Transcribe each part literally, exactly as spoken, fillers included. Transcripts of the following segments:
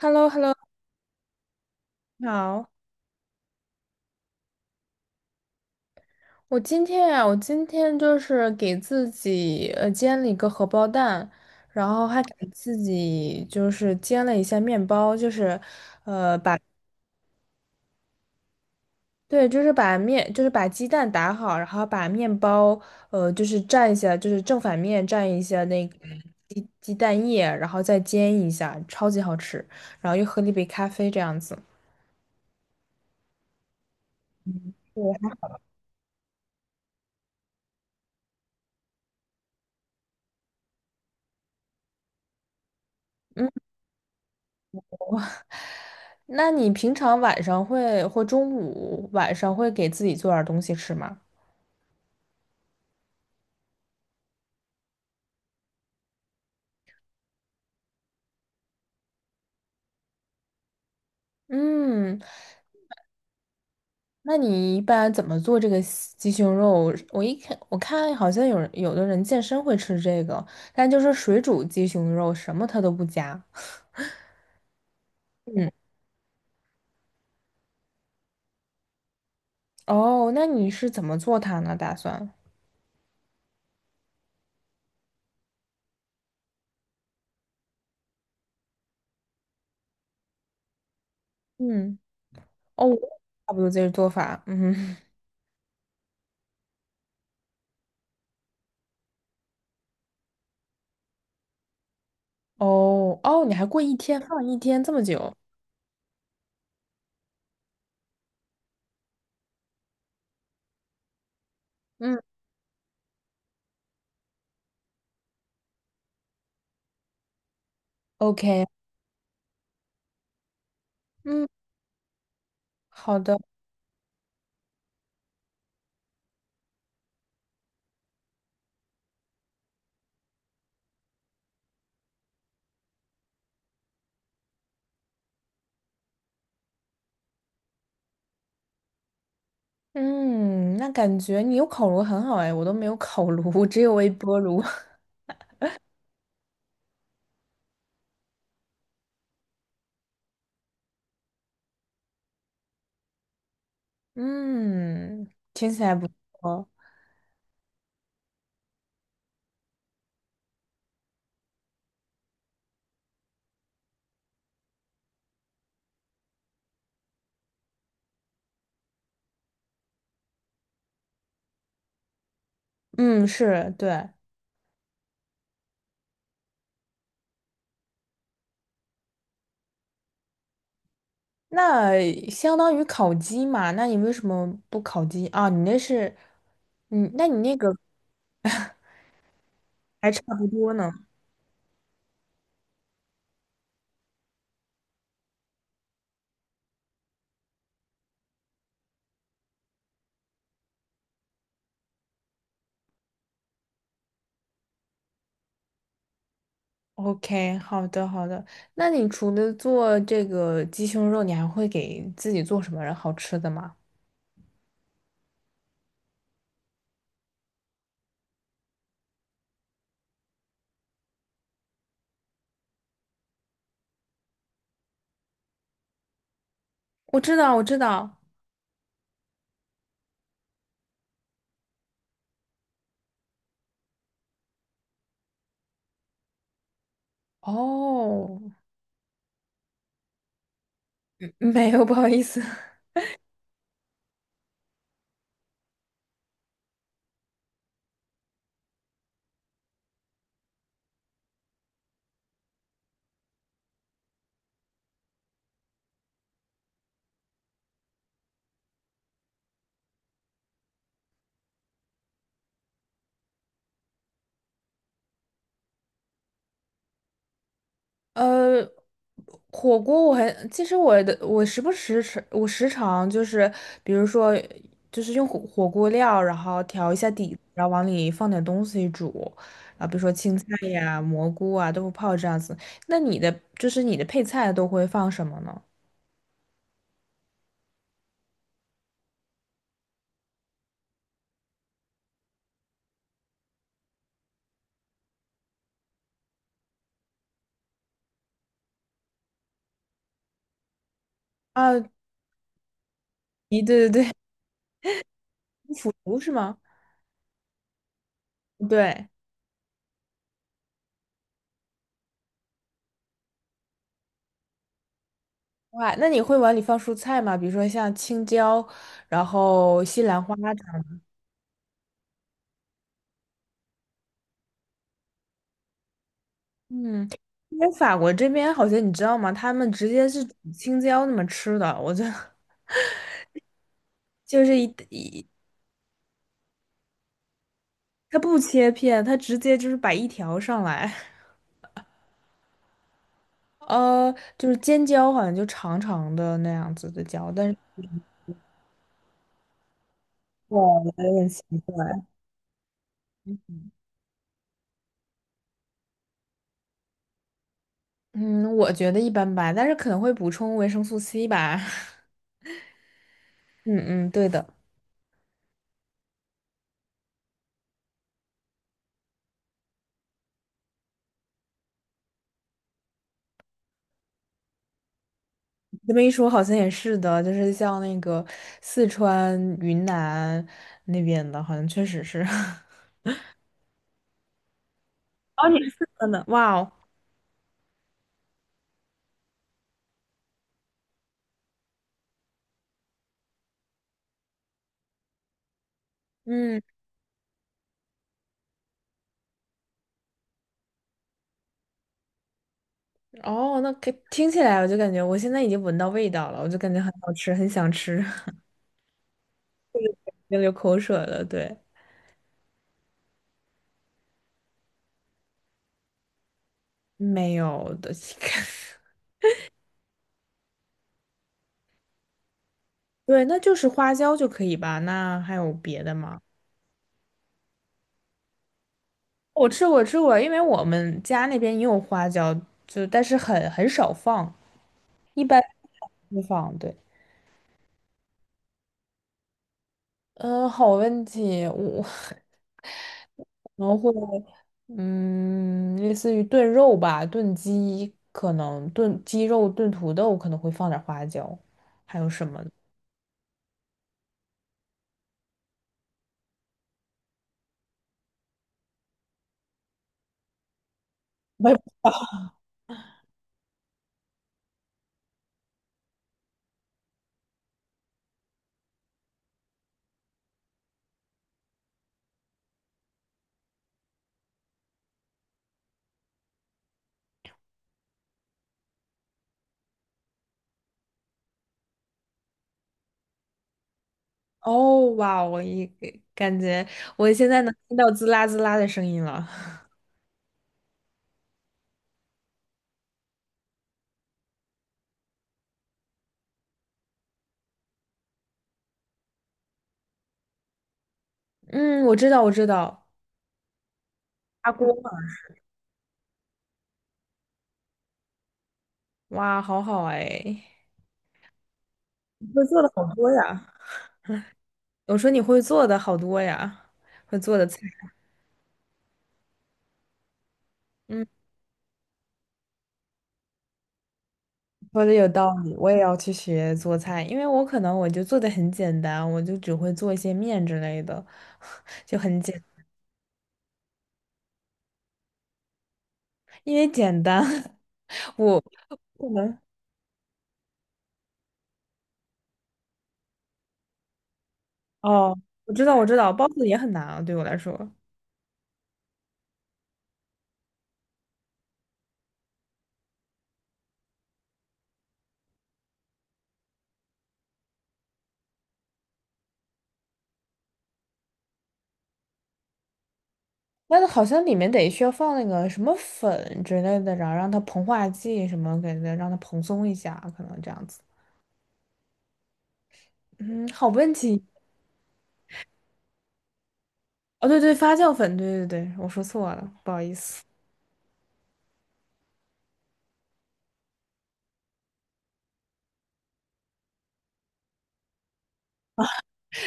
h e l l o hello 你好。我今天啊，我今天就是给自己呃煎了一个荷包蛋，然后还给自己就是煎了一下面包，就是对，就是把面就是把鸡蛋打好，然后把面包呃就是蘸一下，就是正反面蘸一下那个鸡鸡蛋液，然后再煎一下，超级好吃。然后又喝了一杯咖啡这样子。嗯，那你平常晚上会或中午晚上会给自己做点儿东西吃吗？嗯，那你一般怎么做这个西鸡胸肉？我一看，我看好像有人有的人健身会吃这个，但就是水煮鸡胸肉，什么它都不加。嗯，哦，那你是怎么做它呢？打算？嗯，哦，我也差不多这个做法。嗯哼，哦哦，你还过一天放一天这么久？嗯，OK,嗯，好的。嗯，那感觉你有烤炉很好哎，我都没有烤炉，只有微波炉。嗯，听起来不错。嗯，是，对，那相当于烤鸡嘛？那你为什么不烤鸡啊？你那是，嗯，那你那个还差不多呢。OK,好的，好的。那你除了做这个鸡胸肉，你还会给自己做什么好吃的吗？我知道，我知道。哦，没有，不好意思。呃，火锅我还其实我的我时不时吃，我时常就是比如说就是用火火锅料，然后调一下底，然后往里放点东西煮，啊，比如说青菜呀、蘑菇啊、豆腐泡这样子。那你的就是你的配菜都会放什么呢？啊，咦，对对对，腐竹是吗？对，哇，那你会往里放蔬菜吗？比如说像青椒，然后西兰花。这样。嗯，因为法国这边好像你知道吗？他们直接是煮青椒那么吃的，我觉得就是一一，他不切片，他直接就是摆一条上来，呃，就是尖椒好像就长长的那样子的椒，但是我有点奇怪。嗯，我觉得一般般，但是可能会补充维生素 C 吧。嗯嗯，对的，这么一说好像也是的，就是像那个四川、云南那边的，好像确实是。哦，你是四川的，哇哦！嗯，哦，那可听起来我就感觉我现在已经闻到味道了，我就感觉很好吃，很想吃，已经流口水了。对，没有的，对，那就是花椒就可以吧？那还有别的吗？我吃过，吃过，因为我们家那边也有花椒，就但是很很少放，一般不放。对，嗯、好问题，我 然后会，嗯，类似于炖肉吧，炖鸡可能炖鸡肉、炖土豆可能会放点花椒，还有什么呢？我也不知道哦，哇，我一感觉我现在能听到滋啦滋啦的声音了。嗯，我知道，我知道，砂锅嘛，哇，好好哎，你会做的好多呀。我说你会做的好多呀，会做的菜。嗯。说的有道理，我也要去学做菜，因为我可能我就做的很简单，我就只会做一些面之类的，就很简，因为简单，我可能哦，我知道我知道，包子也很难啊，对我来说，但是好像里面得需要放那个什么粉之类的，然后让它膨化剂什么给它让它蓬松一下，可能这样子。嗯，好问题。哦，对对，发酵粉，对对对，我说错了，不好意思。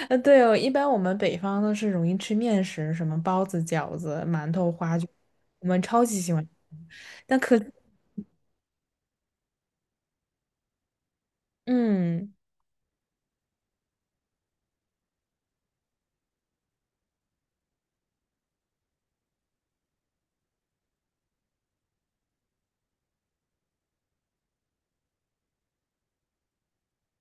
呃，对哦，一般我们北方都是容易吃面食，什么包子、饺子、馒头、花卷，我们超级喜欢。但可，嗯，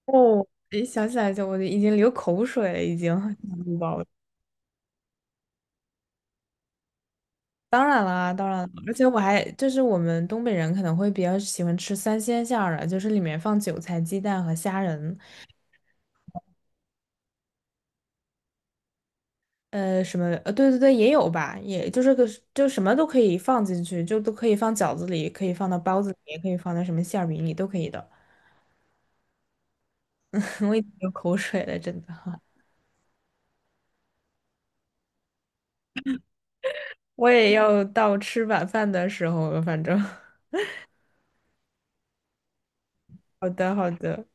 哦，一想起来就我就已经流口水了，已经想不饱了。当然啦，当然了，而且我还就是我们东北人可能会比较喜欢吃三鲜馅儿的，就是里面放韭菜、鸡蛋和虾仁，呃，什么，呃，对对对，也有吧，也就是个就什么都可以放进去，就都可以放饺子里，可以放到包子里，也可以放在什么馅儿饼里，都可以的。我已经流口水了，真的。我也要到吃晚饭的时候了，反正。好的，好的，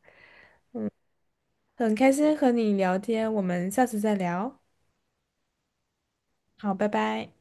很开心和你聊天，我们下次再聊。好，拜拜。